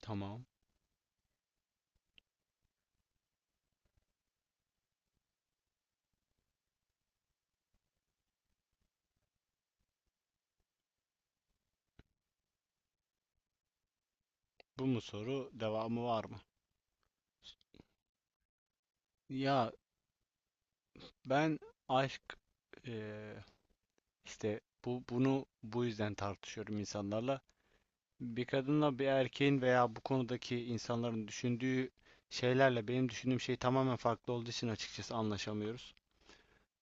Tamam. Bu mu soru? Devamı var mı? Ya ben aşk eee, işte bu yüzden tartışıyorum insanlarla. Bir kadınla bir erkeğin veya bu konudaki insanların düşündüğü şeylerle benim düşündüğüm şey tamamen farklı olduğu için açıkçası anlaşamıyoruz.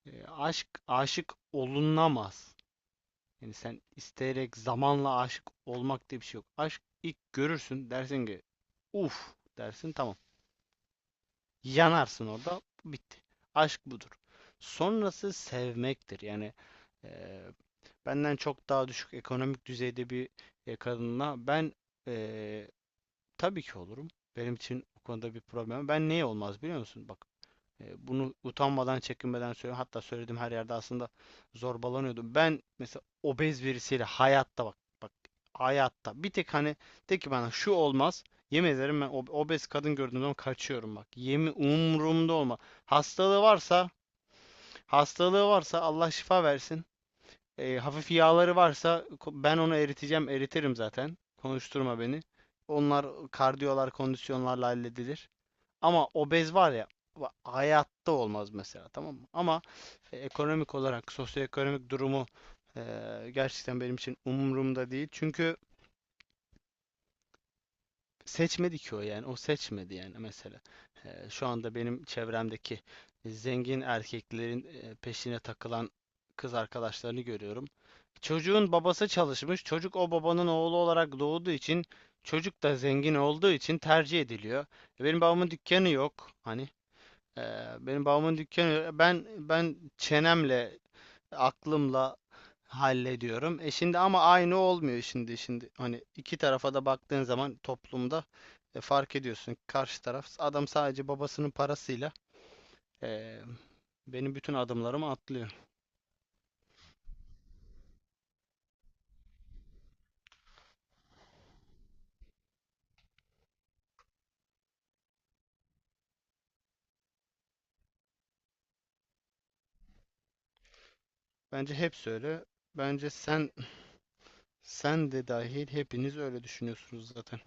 Aşk Aşık olunamaz. Yani sen isteyerek zamanla aşık olmak diye bir şey yok. Aşk, ilk görürsün, dersin ki uf, dersin tamam. Yanarsın orada. Bitti. Aşk budur. Sonrası sevmektir. Yani eee, benden çok daha düşük ekonomik düzeyde bir kadınla ben eee, tabii ki olurum. Benim için bu konuda bir problem. Ben neye olmaz biliyor musun? Bak. Bunu utanmadan, çekinmeden söylüyorum. Hatta söylediğim her yerde aslında zorbalanıyordum. Ben mesela obez birisiyle hayatta, bak bak, hayatta bir tek, hani, de ki bana şu olmaz. Yemin ederim ben obez kadın gördüğüm zaman kaçıyorum bak. Yemin, umurumda olma. Hastalığı varsa, hastalığı varsa Allah şifa versin. Hafif yağları varsa ben onu eriteceğim, eritirim zaten. Konuşturma beni. Onlar kardiyolar, kondisyonlarla halledilir. Ama obez var ya, hayatta olmaz mesela, tamam mı? Ama ekonomik olarak sosyoekonomik durumu e, gerçekten benim için umurumda değil. Çünkü seçmedi ki o, yani o seçmedi yani mesela. Şu anda benim çevremdeki zengin erkeklerin peşine takılan kız arkadaşlarını görüyorum. Çocuğun babası çalışmış. Çocuk o babanın oğlu olarak doğduğu için, çocuk da zengin olduğu için tercih ediliyor. Benim babamın dükkanı yok. Hani. Benim babamın dükkanı ben çenemle, aklımla hallediyorum. Şimdi ama aynı olmuyor. Şimdi, hani iki tarafa da baktığın zaman toplumda fark ediyorsun. Karşı taraf adam sadece babasının parasıyla e, benim bütün adımlarımı atlıyor. Bence hepsi öyle. Bence sen de dahil hepiniz öyle düşünüyorsunuz zaten.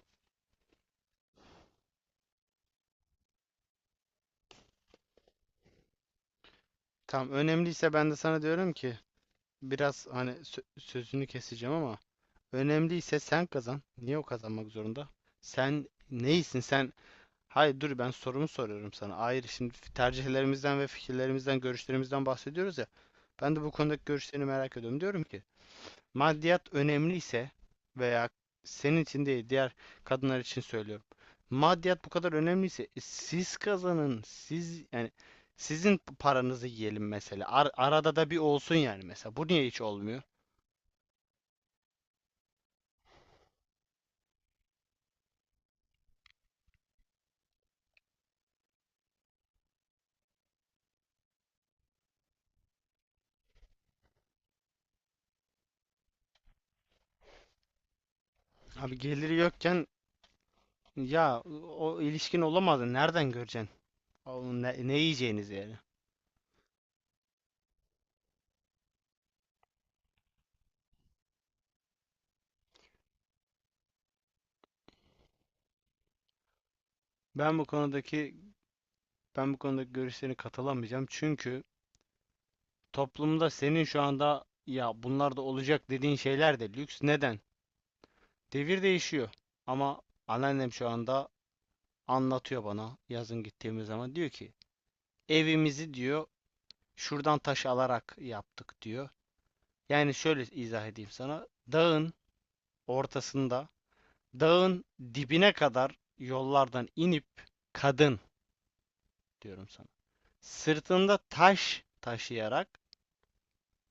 Tamam, önemliyse ben de sana diyorum ki, biraz hani, sözünü keseceğim ama, önemliyse sen kazan. Niye o kazanmak zorunda? Sen neysin? Sen, hayır, dur, ben sorumu soruyorum sana. Hayır, şimdi tercihlerimizden ve fikirlerimizden, görüşlerimizden bahsediyoruz ya. Ben de bu konudaki görüşlerini merak ediyorum. Diyorum ki, maddiyat önemliyse, veya senin için değil, diğer kadınlar için söylüyorum. Maddiyat bu kadar önemliyse siz kazanın. Siz, yani sizin paranızı yiyelim mesela. Arada da bir olsun yani, mesela. Bu niye hiç olmuyor? Abi, geliri yokken, ya o ilişkin olamazdı. Nereden göreceksin? Onun ne yiyeceğiniz yani? Ben bu konudaki Ben bu konudaki görüşlerine katılamayacağım. Çünkü toplumda senin şu anda ya bunlar da olacak dediğin şeyler de lüks. Neden? Devir değişiyor. Ama anneannem şu anda anlatıyor bana, yazın gittiğimiz zaman diyor ki, evimizi, diyor, şuradan taş alarak yaptık, diyor. Yani şöyle izah edeyim sana. Dağın ortasında Dağın dibine kadar yollardan inip kadın, diyorum sana, sırtında taş taşıyarak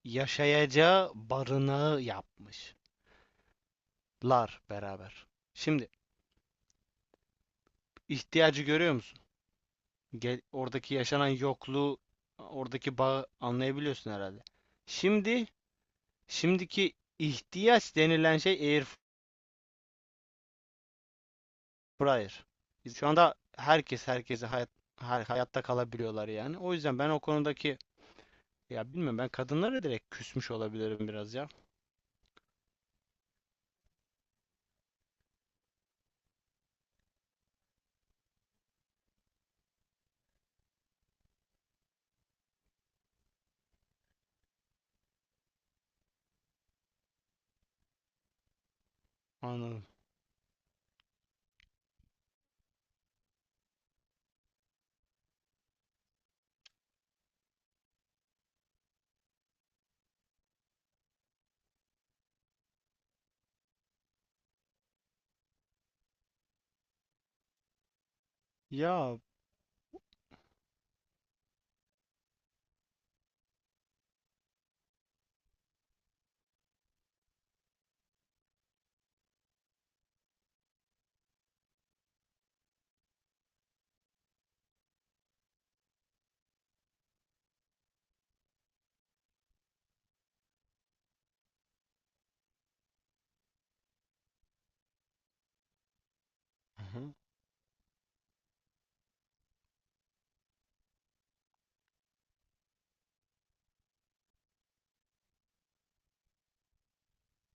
yaşayacağı barınağı yapmışlar beraber. Şimdi, ihtiyacı görüyor musun? Gel, oradaki yaşanan yokluğu, oradaki bağı anlayabiliyorsun herhalde. Şimdi, şimdiki ihtiyaç denilen şey air fryer. Şu anda herkes herkese, hayatta kalabiliyorlar yani. O yüzden ben o konudaki, ya bilmiyorum, ben kadınlara direkt küsmüş olabilirim biraz ya. Anladım. Ya. Hı.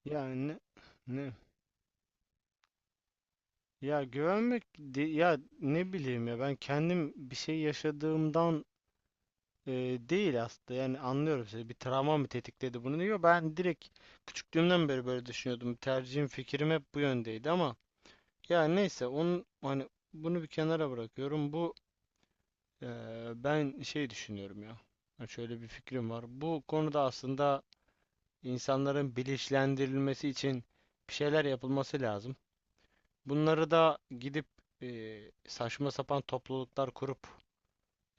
Ya ne, ya güvenmek, ya ne bileyim, ya ben kendim bir şey yaşadığımdan e, değil aslında, yani anlıyorum sizi, bir travma mı tetikledi bunu diyor, ben direkt küçüklüğümden beri böyle düşünüyordum, tercihim fikrim hep bu yöndeydi ama, ya neyse, onun hani bunu bir kenara bırakıyorum, bu e, ben şey düşünüyorum ya. Ha, şöyle bir fikrim var bu konuda aslında, insanların bilinçlendirilmesi için bir şeyler yapılması lazım. Bunları da gidip saçma sapan topluluklar kurup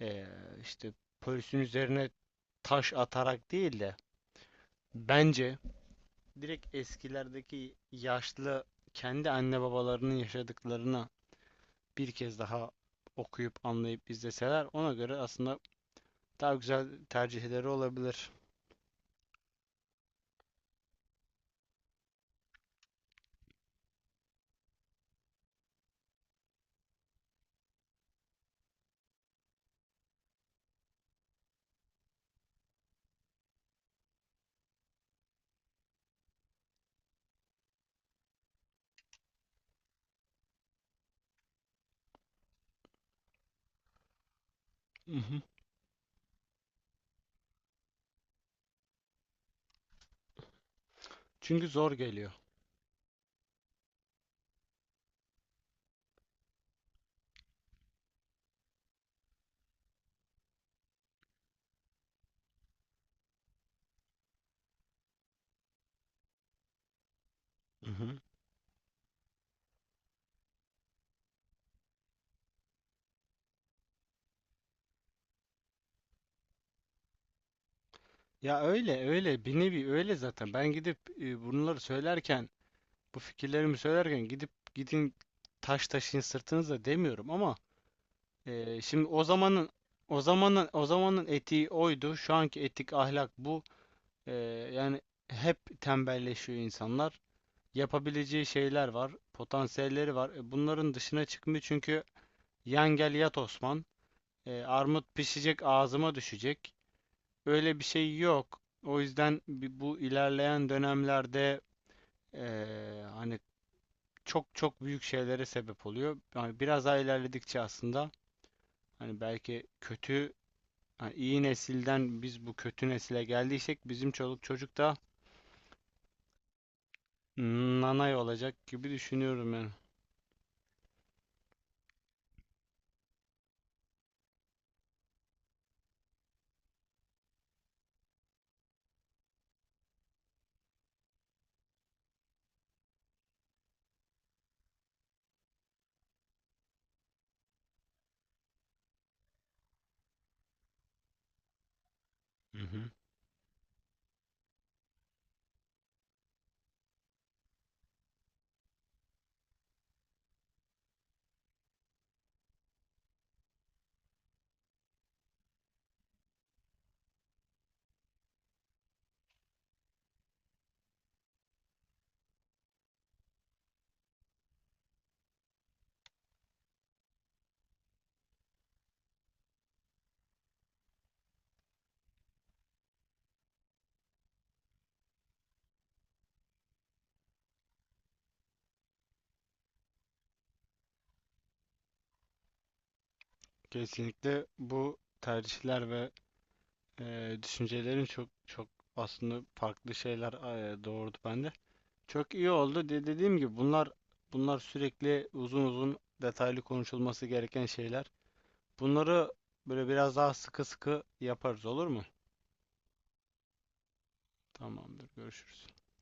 e, işte polisin üzerine taş atarak değil de, bence direkt eskilerdeki yaşlı kendi anne babalarının yaşadıklarına bir kez daha okuyup, anlayıp, izleseler, ona göre aslında daha güzel tercihleri olabilir. Hı hı. Çünkü zor geliyor. Mhm. Ya öyle, öyle bir nevi öyle zaten. Ben gidip bunları söylerken, bu fikirlerimi söylerken gidip, gidin taş taşın sırtınıza demiyorum ama şimdi o zamanın etiği oydu. Şu anki etik ahlak bu. E, Yani hep tembelleşiyor insanlar. Yapabileceği şeyler var, potansiyelleri var. Bunların dışına çıkmıyor çünkü yan gel yat Osman. Armut pişecek, ağzıma düşecek. Öyle bir şey yok. O yüzden bu ilerleyen dönemlerde hani çok çok büyük şeylere sebep oluyor. Yani biraz daha ilerledikçe aslında, hani belki kötü, hani iyi nesilden biz bu kötü nesile geldiysek, bizim çoluk çocuk da nanay olacak gibi düşünüyorum yani. Hı hı. Kesinlikle bu tercihler ve düşüncelerin çok çok aslında farklı şeyler doğurdu bende. Çok iyi oldu. Dediğim gibi bunlar sürekli uzun uzun detaylı konuşulması gereken şeyler. Bunları böyle biraz daha sıkı sıkı yaparız, olur mu? Tamamdır. Görüşürüz.